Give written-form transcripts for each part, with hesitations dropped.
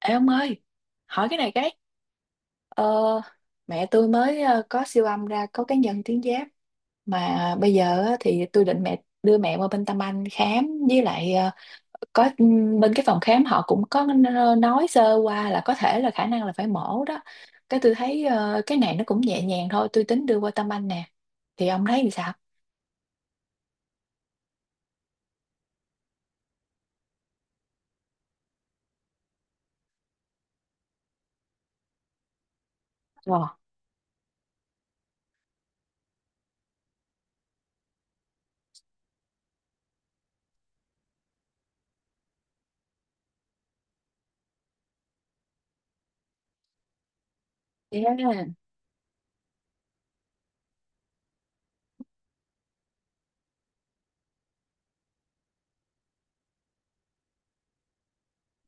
Ê ông ơi, hỏi cái này cái. Ờ, mẹ tôi mới có siêu âm ra có cái nhân tuyến giáp mà bây giờ á, thì tôi định đưa mẹ qua bên Tâm Anh khám với lại có bên cái phòng khám họ cũng có nói sơ qua là có thể là khả năng là phải mổ đó. Cái tôi thấy cái này nó cũng nhẹ nhàng thôi, tôi tính đưa qua Tâm Anh nè. Thì ông thấy thì sao? Ờ. Thế á.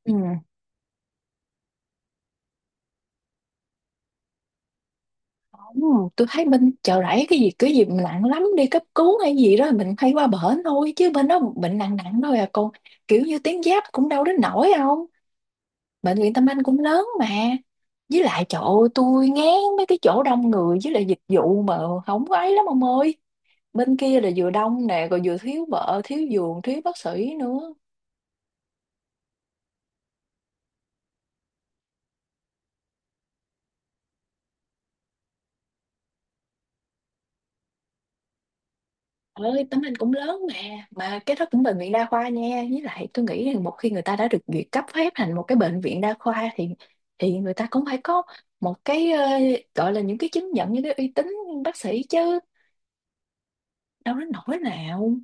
Ừ. Đúng rồi, tôi thấy bên Chợ Rẫy cái gì mà nặng lắm đi cấp cứu hay gì đó mình hay qua bển thôi, chứ bên đó bệnh nặng nặng thôi à con. Kiểu như tuyến giáp cũng đâu đến nổi, không? Bệnh viện Tâm Anh cũng lớn mà, với lại trời ơi, tôi ngán mấy cái chỗ đông người, với lại dịch vụ mà không có ấy lắm ông ơi. Bên kia là vừa đông nè, rồi vừa thiếu vợ, thiếu giường, thiếu bác sĩ nữa. Ơi, tấm anh cũng lớn mà cái đó cũng bệnh viện đa khoa nha, với lại tôi nghĩ rằng một khi người ta đã được duyệt cấp phép thành một cái bệnh viện đa khoa thì người ta cũng phải có một cái gọi là những cái chứng nhận, những cái uy tín bác sĩ chứ, đâu đến nỗi nào.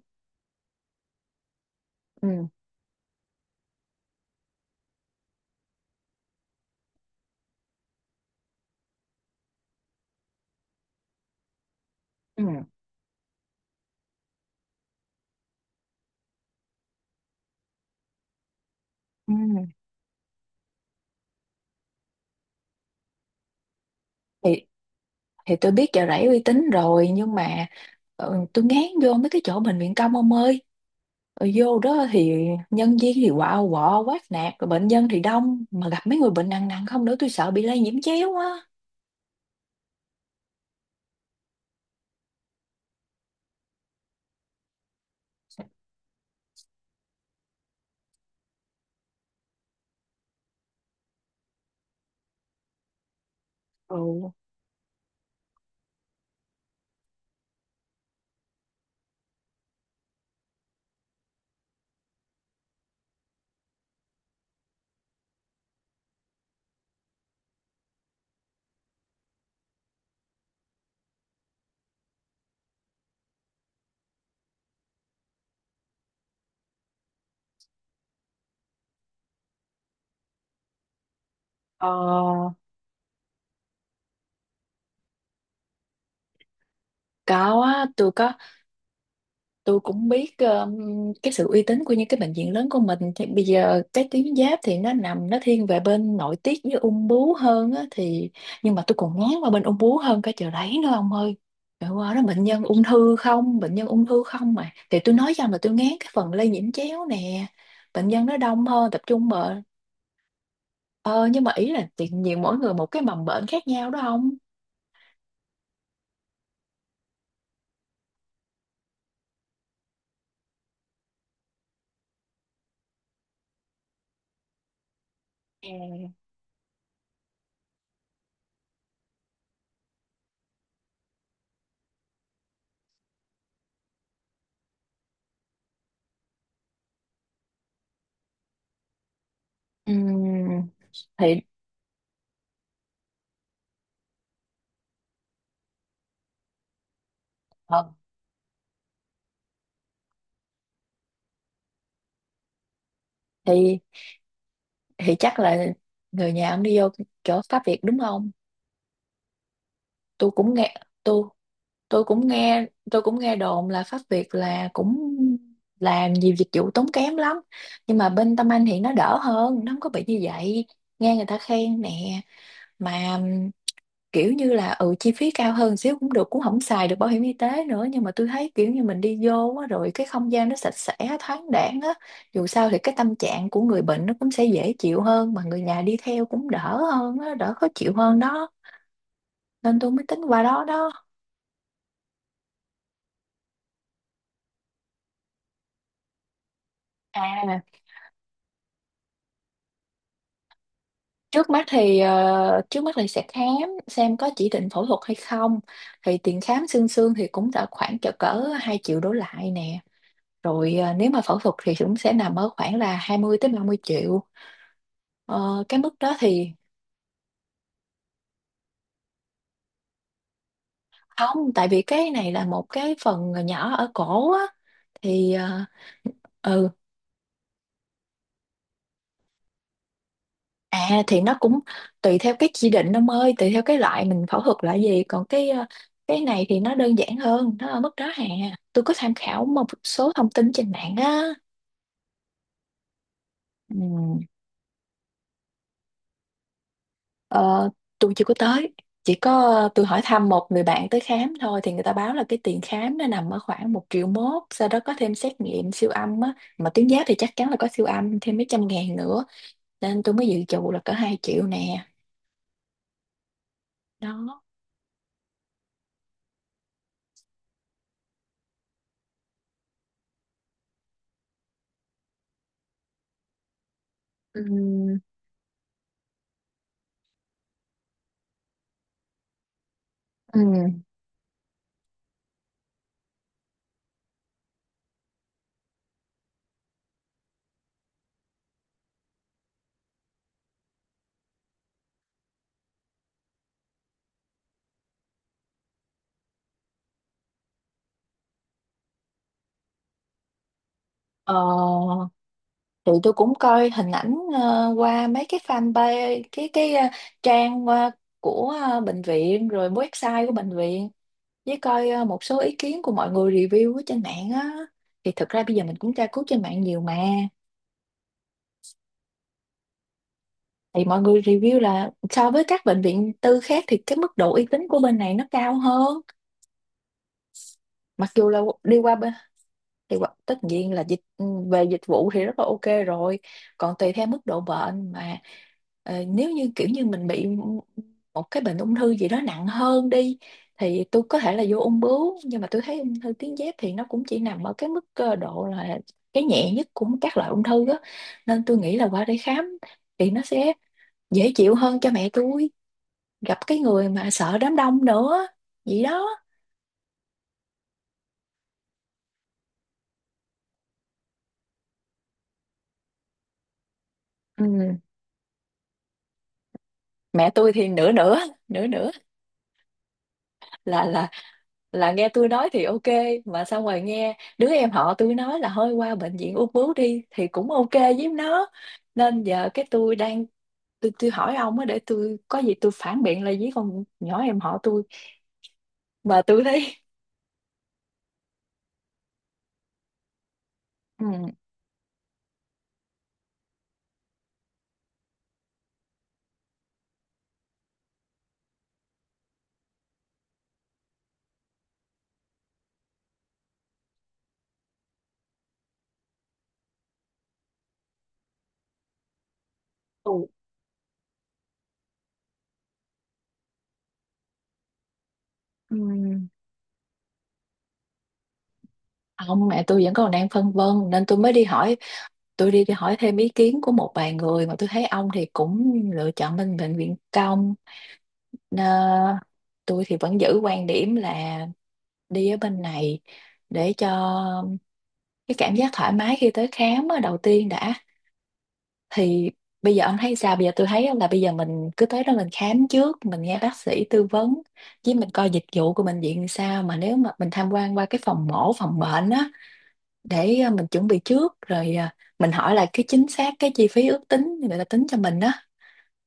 Ừ. Ừ. Ừ. thì thì tôi biết Chợ Rẫy uy tín rồi, nhưng mà tôi ngán vô mấy cái chỗ bệnh viện công ông ơi. Ở vô đó thì nhân viên thì quạo quọ quát nạt, rồi bệnh nhân thì đông, mà gặp mấy người bệnh nặng nặng không nữa, tôi sợ bị lây nhiễm chéo á. Ừ. Ờ. Có á, tôi có, tôi cũng biết cái sự uy tín của những cái bệnh viện lớn của mình. Thì bây giờ cái tuyến giáp thì nó nằm, nó thiên về bên nội tiết với ung bướu hơn á, thì nhưng mà tôi còn ngán qua bên ung bướu hơn cái Chợ Rẫy nữa ông ơi. Trời, qua đó bệnh nhân ung thư không, bệnh nhân ung thư không mà, thì tôi nói rằng là tôi ngán cái phần lây nhiễm chéo nè, bệnh nhân nó đông hơn, tập trung mà. Ờ, nhưng mà ý là tự nhiên mỗi người một cái mầm bệnh khác nhau đó, không? À. Ừm. Thì ờ, thì thì chắc là người nhà ông đi vô chỗ Pháp Việt đúng không? tôi cũng nghe tôi tôi cũng nghe tôi cũng nghe đồn là Pháp Việt là cũng làm nhiều dịch vụ tốn kém lắm, nhưng mà bên Tâm Anh thì nó đỡ hơn, nó không có bị như vậy, nghe người ta khen nè. Mà kiểu như là ừ, chi phí cao hơn xíu cũng được, cũng không xài được bảo hiểm y tế nữa, nhưng mà tôi thấy kiểu như mình đi vô á, rồi cái không gian nó sạch sẽ, thoáng đãng á, dù sao thì cái tâm trạng của người bệnh nó cũng sẽ dễ chịu hơn, mà người nhà đi theo cũng đỡ hơn á, đỡ khó chịu hơn đó, nên tôi mới tính qua đó đó. À, trước mắt thì sẽ khám xem có chỉ định phẫu thuật hay không. Thì tiền khám xương xương thì cũng đã khoảng cỡ cỡ 2 triệu đổ lại nè, rồi nếu mà phẫu thuật thì cũng sẽ nằm ở khoảng là 20 tới 30 triệu. Ờ, cái mức đó thì không, tại vì cái này là một cái phần nhỏ ở cổ á, thì ừ thì nó cũng tùy theo cái chỉ định ông ơi, tùy theo cái loại mình phẫu thuật là gì. Còn cái này thì nó đơn giản hơn, nó ở mức đó hà. Tôi có tham khảo một số thông tin trên mạng á. Ừ. Ờ, tôi chưa có tới, chỉ có tôi hỏi thăm một người bạn tới khám thôi, thì người ta báo là cái tiền khám nó nằm ở khoảng 1,1 triệu, sau đó có thêm xét nghiệm siêu âm á, mà tuyến giáp thì chắc chắn là có siêu âm thêm mấy trăm ngàn nữa, nên tôi mới dự trù là cỡ 2 triệu nè. Đó. Ừm. Ừm. Ờ, thì tôi cũng coi hình ảnh qua mấy cái fanpage trang của bệnh viện, rồi website của bệnh viện, với coi một số ý kiến của mọi người review ở trên mạng á, thì thực ra bây giờ mình cũng tra cứu trên mạng nhiều mà. Thì mọi người review là so với các bệnh viện tư khác thì cái mức độ uy tín của bên này nó cao hơn. Mặc dù là đi qua thì tất nhiên là về dịch vụ thì rất là ok rồi, còn tùy theo mức độ bệnh mà. Ờ, nếu như kiểu như mình bị một cái bệnh ung thư gì đó nặng hơn đi, thì tôi có thể là vô ung bướu, nhưng mà tôi thấy ung thư tuyến giáp thì nó cũng chỉ nằm ở cái độ là cái nhẹ nhất của các loại ung thư đó, nên tôi nghĩ là qua đây khám thì nó sẽ dễ chịu hơn cho mẹ tôi, gặp cái người mà sợ đám đông nữa. Vậy đó. Ừ. Mẹ tôi thì nửa nửa, nửa nửa, là là là nghe tôi nói thì ok, mà xong rồi nghe đứa em họ tôi nói là hơi qua bệnh viện ung bướu đi thì cũng ok với nó. Nên giờ cái tôi hỏi ông á, để tôi có gì tôi phản biện lại với con nhỏ em họ tôi, mà tôi thấy. Ừ. Ừ. Ừ. Ông, mẹ tôi vẫn còn đang phân vân, nên tôi mới đi hỏi. Tôi đi hỏi thêm ý kiến của một vài người, mà tôi thấy ông thì cũng lựa chọn bên bệnh viện công. Nà, tôi thì vẫn giữ quan điểm là đi ở bên này, để cho cái cảm giác thoải mái khi tới khám á, đầu tiên đã. Thì bây giờ ông thấy sao? Bây giờ tôi thấy là bây giờ mình cứ tới đó mình khám trước, mình nghe bác sĩ tư vấn, với mình coi dịch vụ của bệnh viện sao, mà nếu mà mình tham quan qua cái phòng mổ, phòng bệnh á, để mình chuẩn bị trước, rồi mình hỏi là cái chính xác cái chi phí ước tính người ta tính cho mình á.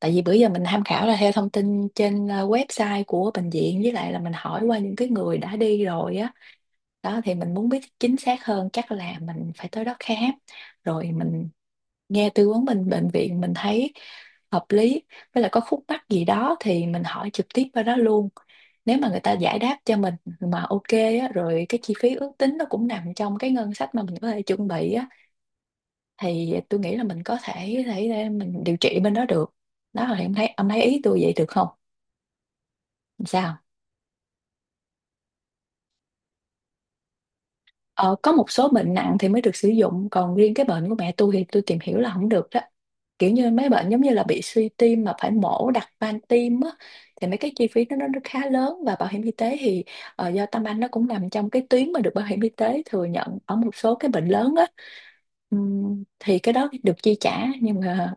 Tại vì bữa giờ mình tham khảo là theo thông tin trên website của bệnh viện, với lại là mình hỏi qua những cái người đã đi rồi á. Đó, thì mình muốn biết chính xác hơn, chắc là mình phải tới đó khám, rồi mình nghe tư vấn bên bệnh viện, mình thấy hợp lý, với lại có khúc mắc gì đó thì mình hỏi trực tiếp qua đó luôn, nếu mà người ta giải đáp cho mình mà ok á, rồi cái chi phí ước tính nó cũng nằm trong cái ngân sách mà mình có thể chuẩn bị á, thì tôi nghĩ là mình có thể để mình điều trị bên đó được. Đó là em thấy, ông thấy ý tôi vậy được không? Sao. Ờ, có một số bệnh nặng thì mới được sử dụng, còn riêng cái bệnh của mẹ tôi thì tôi tìm hiểu là không được đó, kiểu như mấy bệnh giống như là bị suy tim mà phải mổ đặt van tim á, thì mấy cái chi phí nó khá lớn, và bảo hiểm y tế thì do Tâm Anh nó cũng nằm trong cái tuyến mà được bảo hiểm y tế thừa nhận ở một số cái bệnh lớn á. Thì cái đó được chi trả, nhưng mà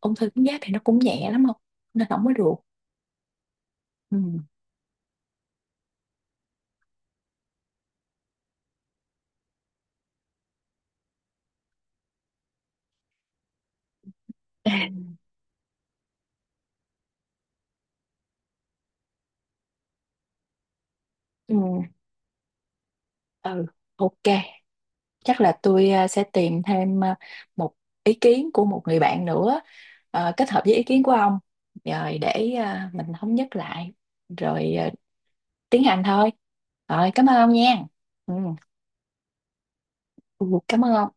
ung thư tuyến giáp thì nó cũng nhẹ lắm không, nên không có được. Ừm. Ừm. Ừ, ok, chắc là tôi sẽ tìm thêm một ý kiến của một người bạn nữa, kết hợp với ý kiến của ông, rồi để mình thống nhất lại, rồi tiến hành thôi. Rồi cảm ơn ông nha. Ừ. Ừ, cảm ơn ông.